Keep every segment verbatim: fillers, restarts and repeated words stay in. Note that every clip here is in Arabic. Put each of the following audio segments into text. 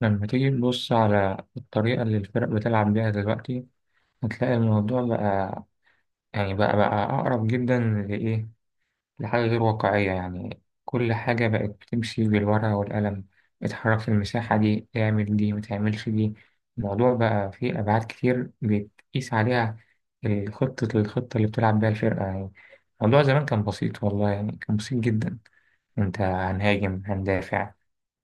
لما تيجي تبص على الطريقة اللي الفرق بتلعب بيها دلوقتي، هتلاقي الموضوع بقى يعني بقى بقى أقرب جدا لإيه؟ لحاجة غير واقعية. يعني كل حاجة بقت بتمشي بالورقة والقلم: اتحرك في المساحة دي، اعمل دي، متعملش دي. الموضوع بقى فيه أبعاد كتير بتقيس عليها، الخطة الخطة اللي بتلعب بيها الفرقة يعني. الموضوع زمان كان بسيط والله، يعني كان بسيط جدا. انت هنهاجم، هندافع،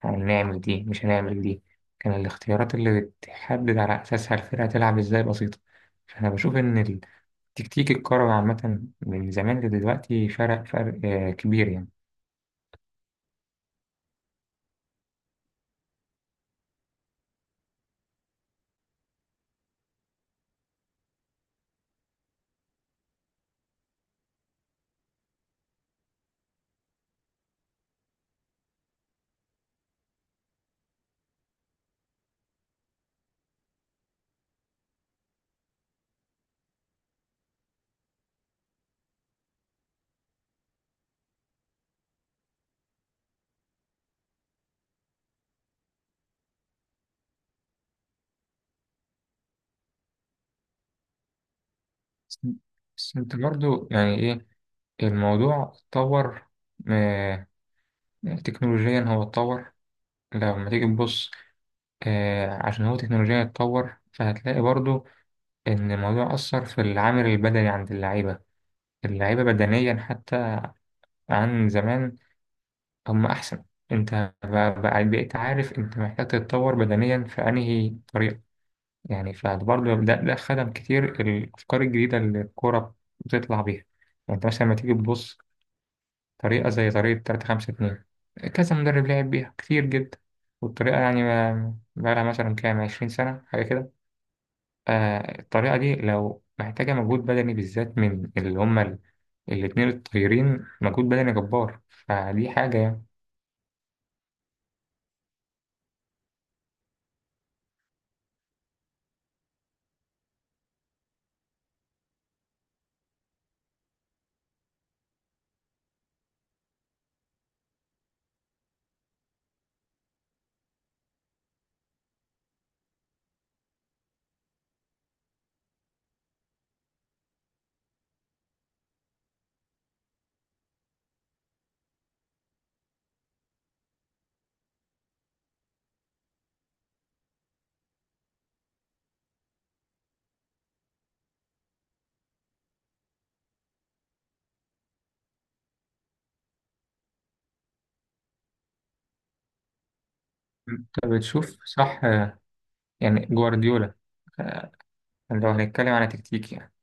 هنعمل دي، مش هنعمل دي. كان الاختيارات اللي بتحدد على أساسها الفرقة تلعب إزاي بسيطة. فأنا بشوف إن التكتيك الكروي عامة من زمان لدلوقتي فرق، فرق آه، كبير يعني. بس بس أنت برضو يعني إيه، الموضوع اتطور. آه، تكنولوجيا هو اتطور. لما تيجي تبص، آه، عشان هو تكنولوجيا اتطور فهتلاقي برضو إن الموضوع أثر في العامل البدني عند اللعيبة. اللعيبة بدنيا حتى عن زمان هم أحسن. أنت ب- بقى- بقيت عارف أنت محتاج تتطور بدنيا في أنهي طريقة. يعني فبرضه ده ده خدم كتير الأفكار الجديدة اللي الكورة بتطلع بيها. يعني أنت مثلا لما تيجي تبص طريقة زي طريقة ثلاثة خمسة اثنين، كذا مدرب لعب بيها كتير جدا. والطريقة يعني ما- بقالها مثلا كام عشرين سنة حاجة كده. آه، الطريقة دي لو محتاجة مجهود بدني، بالذات من اللي هما ال- الاتنين الطايرين، مجهود بدني جبار، فدي حاجة يعني. انت بتشوف صح، يعني جوارديولا، آه، لو هنتكلم على تكتيك يعني،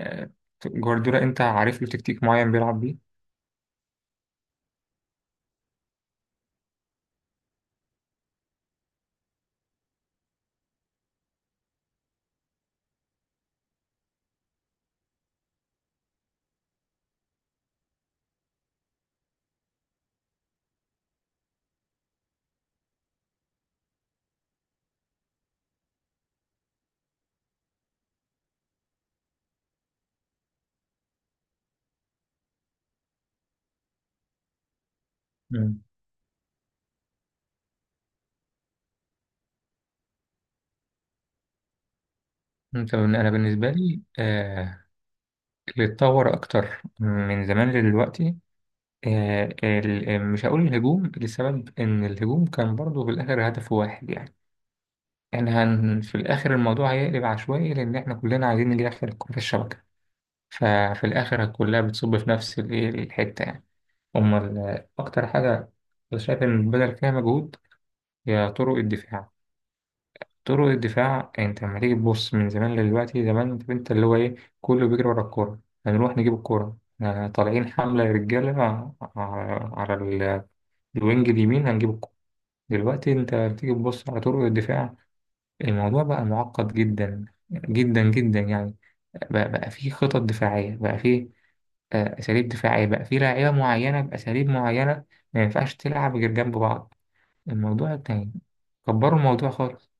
آه، جوارديولا انت عارف له تكتيك معين بيلعب بيه. مم. انت انا بالنسبه لي، آه، اللي اتطور اكتر من زمان لدلوقتي، آه، ال- مش هقول الهجوم، لسبب ان الهجوم كان برضه في الاخر هدف واحد يعني. احنا هن في الاخر الموضوع هيقلب عشوائي، لان احنا كلنا عايزين نجيب اخر الكره في الشبكه. ففي الاخر كلها بتصب في نفس الايه الحته يعني. امال آه، اكتر حاجه أنا شايف إن بدل فيها مجهود هي طرق الدفاع. طرق الدفاع انت لما تيجي تبص من زمان لدلوقتي، زمان انت انت اللي هو ايه، كله بيجري ورا الكورة. هنروح نجيب الكورة، آه، طالعين حملة يا رجالة، على على ال- الوينج اليمين هنجيب الكورة. دلوقتي انت بتيجي تبص على طرق الدفاع، الموضوع بقى معقد جدا جدا جدا يعني. بقى, بقى فيه خطط دفاعية، بقى فيه آه، أساليب دفاعية، بقى فيه لاعيبة معينة بأساليب معينة ما ينفعش تلعب غير جنب بعض. الموضوع التاني كبروا الموضوع خالص.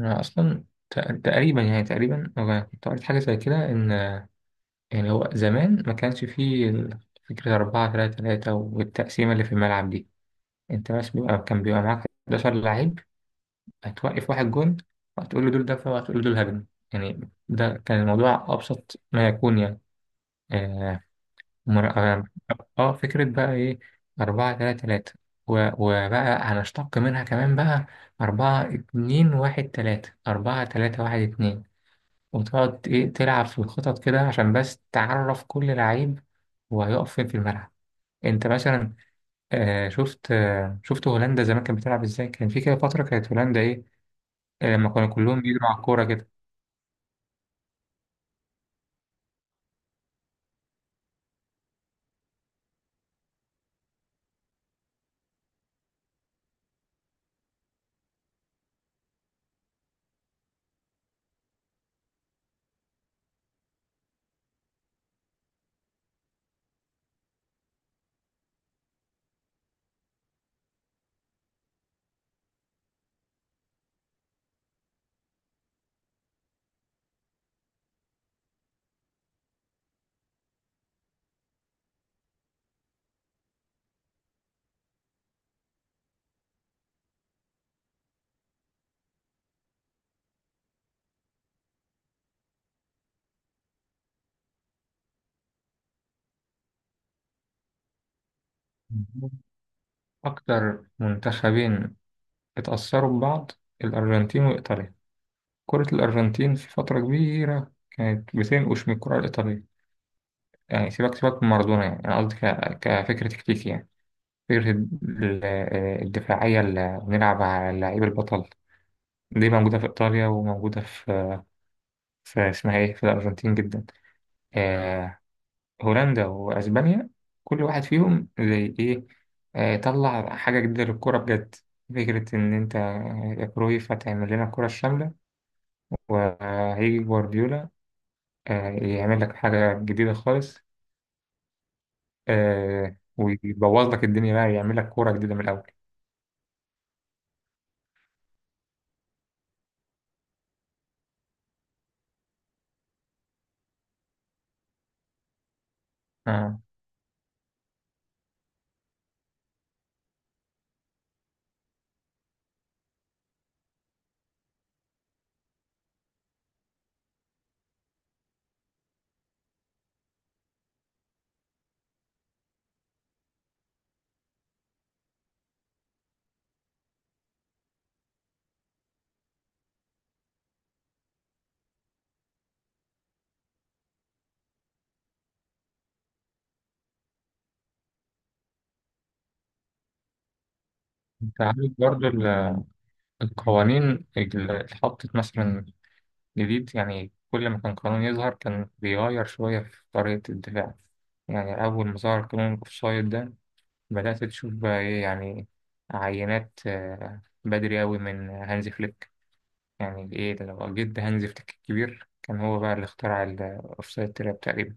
أنا أصلا تق- تقريبا يعني، تقريبا أنا كنت قريت حاجة زي كده إن يعني هو زمان ما كانش فيه فكرة أربعة تلاتة تلاتة والتقسيمة اللي في الملعب دي. أنت بس بيبقى كان بيبقى معاك حداشر لعيب، هتوقف واحد جون وهتقول له دول دفع وهتقول له دول هجم. يعني ده كان الموضوع أبسط ما يكون يعني. آه, مر... آه آه، فكرة بقى إيه، أربعة تلاتة تلاتة، و- وبقى هنشتق منها كمان بقى أربعة اتنين واحد تلاتة، أربعة تلاتة واحد اتنين. وتقعد إيه تلعب في الخطط كده عشان بس تعرف كل لعيب وهيقف فين في الملعب. انت مثلا آه شفت آه شفت هولندا زمان كانت بتلعب ازاي، كان في كده فترة كانت هولندا ايه، آه، لما كانوا كلهم بيجروا على الكورة كده. اكتر منتخبين اتأثروا ببعض: الارجنتين وايطاليا. كرة الارجنتين في فترة كبيرة كانت بتنقش من الكرة الايطالية. يعني سيبك سيبك من مارادونا يعني، انا قصدي ك- كفكرة تكتيكي يعني. فكرة ال- آه، الدفاعية اللي بنلعب على اللعيب البطل دي موجودة في إيطاليا وموجودة في, في اسمها إيه في الأرجنتين جدا. آه. هولندا وأسبانيا كل واحد فيهم زي إيه، آه، طلع حاجة جديدة للكرة بجد. فكرة إن أنت يا كرويف هتعمل لنا الكرة الشاملة، وهيجي جوارديولا آه يعمل لك حاجة جديدة خالص، آه، ويبوظ لك الدنيا، بقى يعمل لك كورة جديدة من الأول. آه. أنت عارف برضه ال- القوانين اللي اتحطت مثلا جديد، يعني كل ما كان قانون يظهر كان بيغير شوية في طريقة الدفاع. يعني أول ما ظهر قانون الأوفسايد ده بدأت تشوف بقى إيه يعني، عينات آه، بدري أوي من هانزي فليك. يعني إيه ده، لو جد هانزي فليك الكبير كان هو بقى اللي اخترع الأوفسايد تراب تقريبا.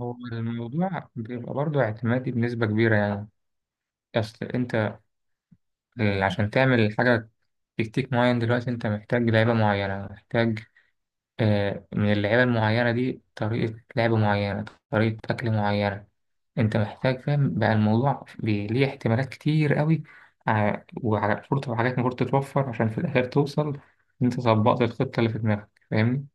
هو الموضوع بيبقى برضه اعتمادي بنسبة كبيرة يعني. أصل أنت عشان تعمل حاجة، تكتيك معين دلوقتي أنت محتاج لعيبة معينة، محتاج آه، من اللعيبة المعينة دي طريقة لعب معينة، طريقة أكل معينة. أنت محتاج، فاهم بقى الموضوع بي- ليه احتمالات كتير قوي ع- وعلى فرصة وحاجات المفروض تتوفر عشان في الآخر توصل إن أنت طبقت الخطة اللي في دماغك، فاهمني؟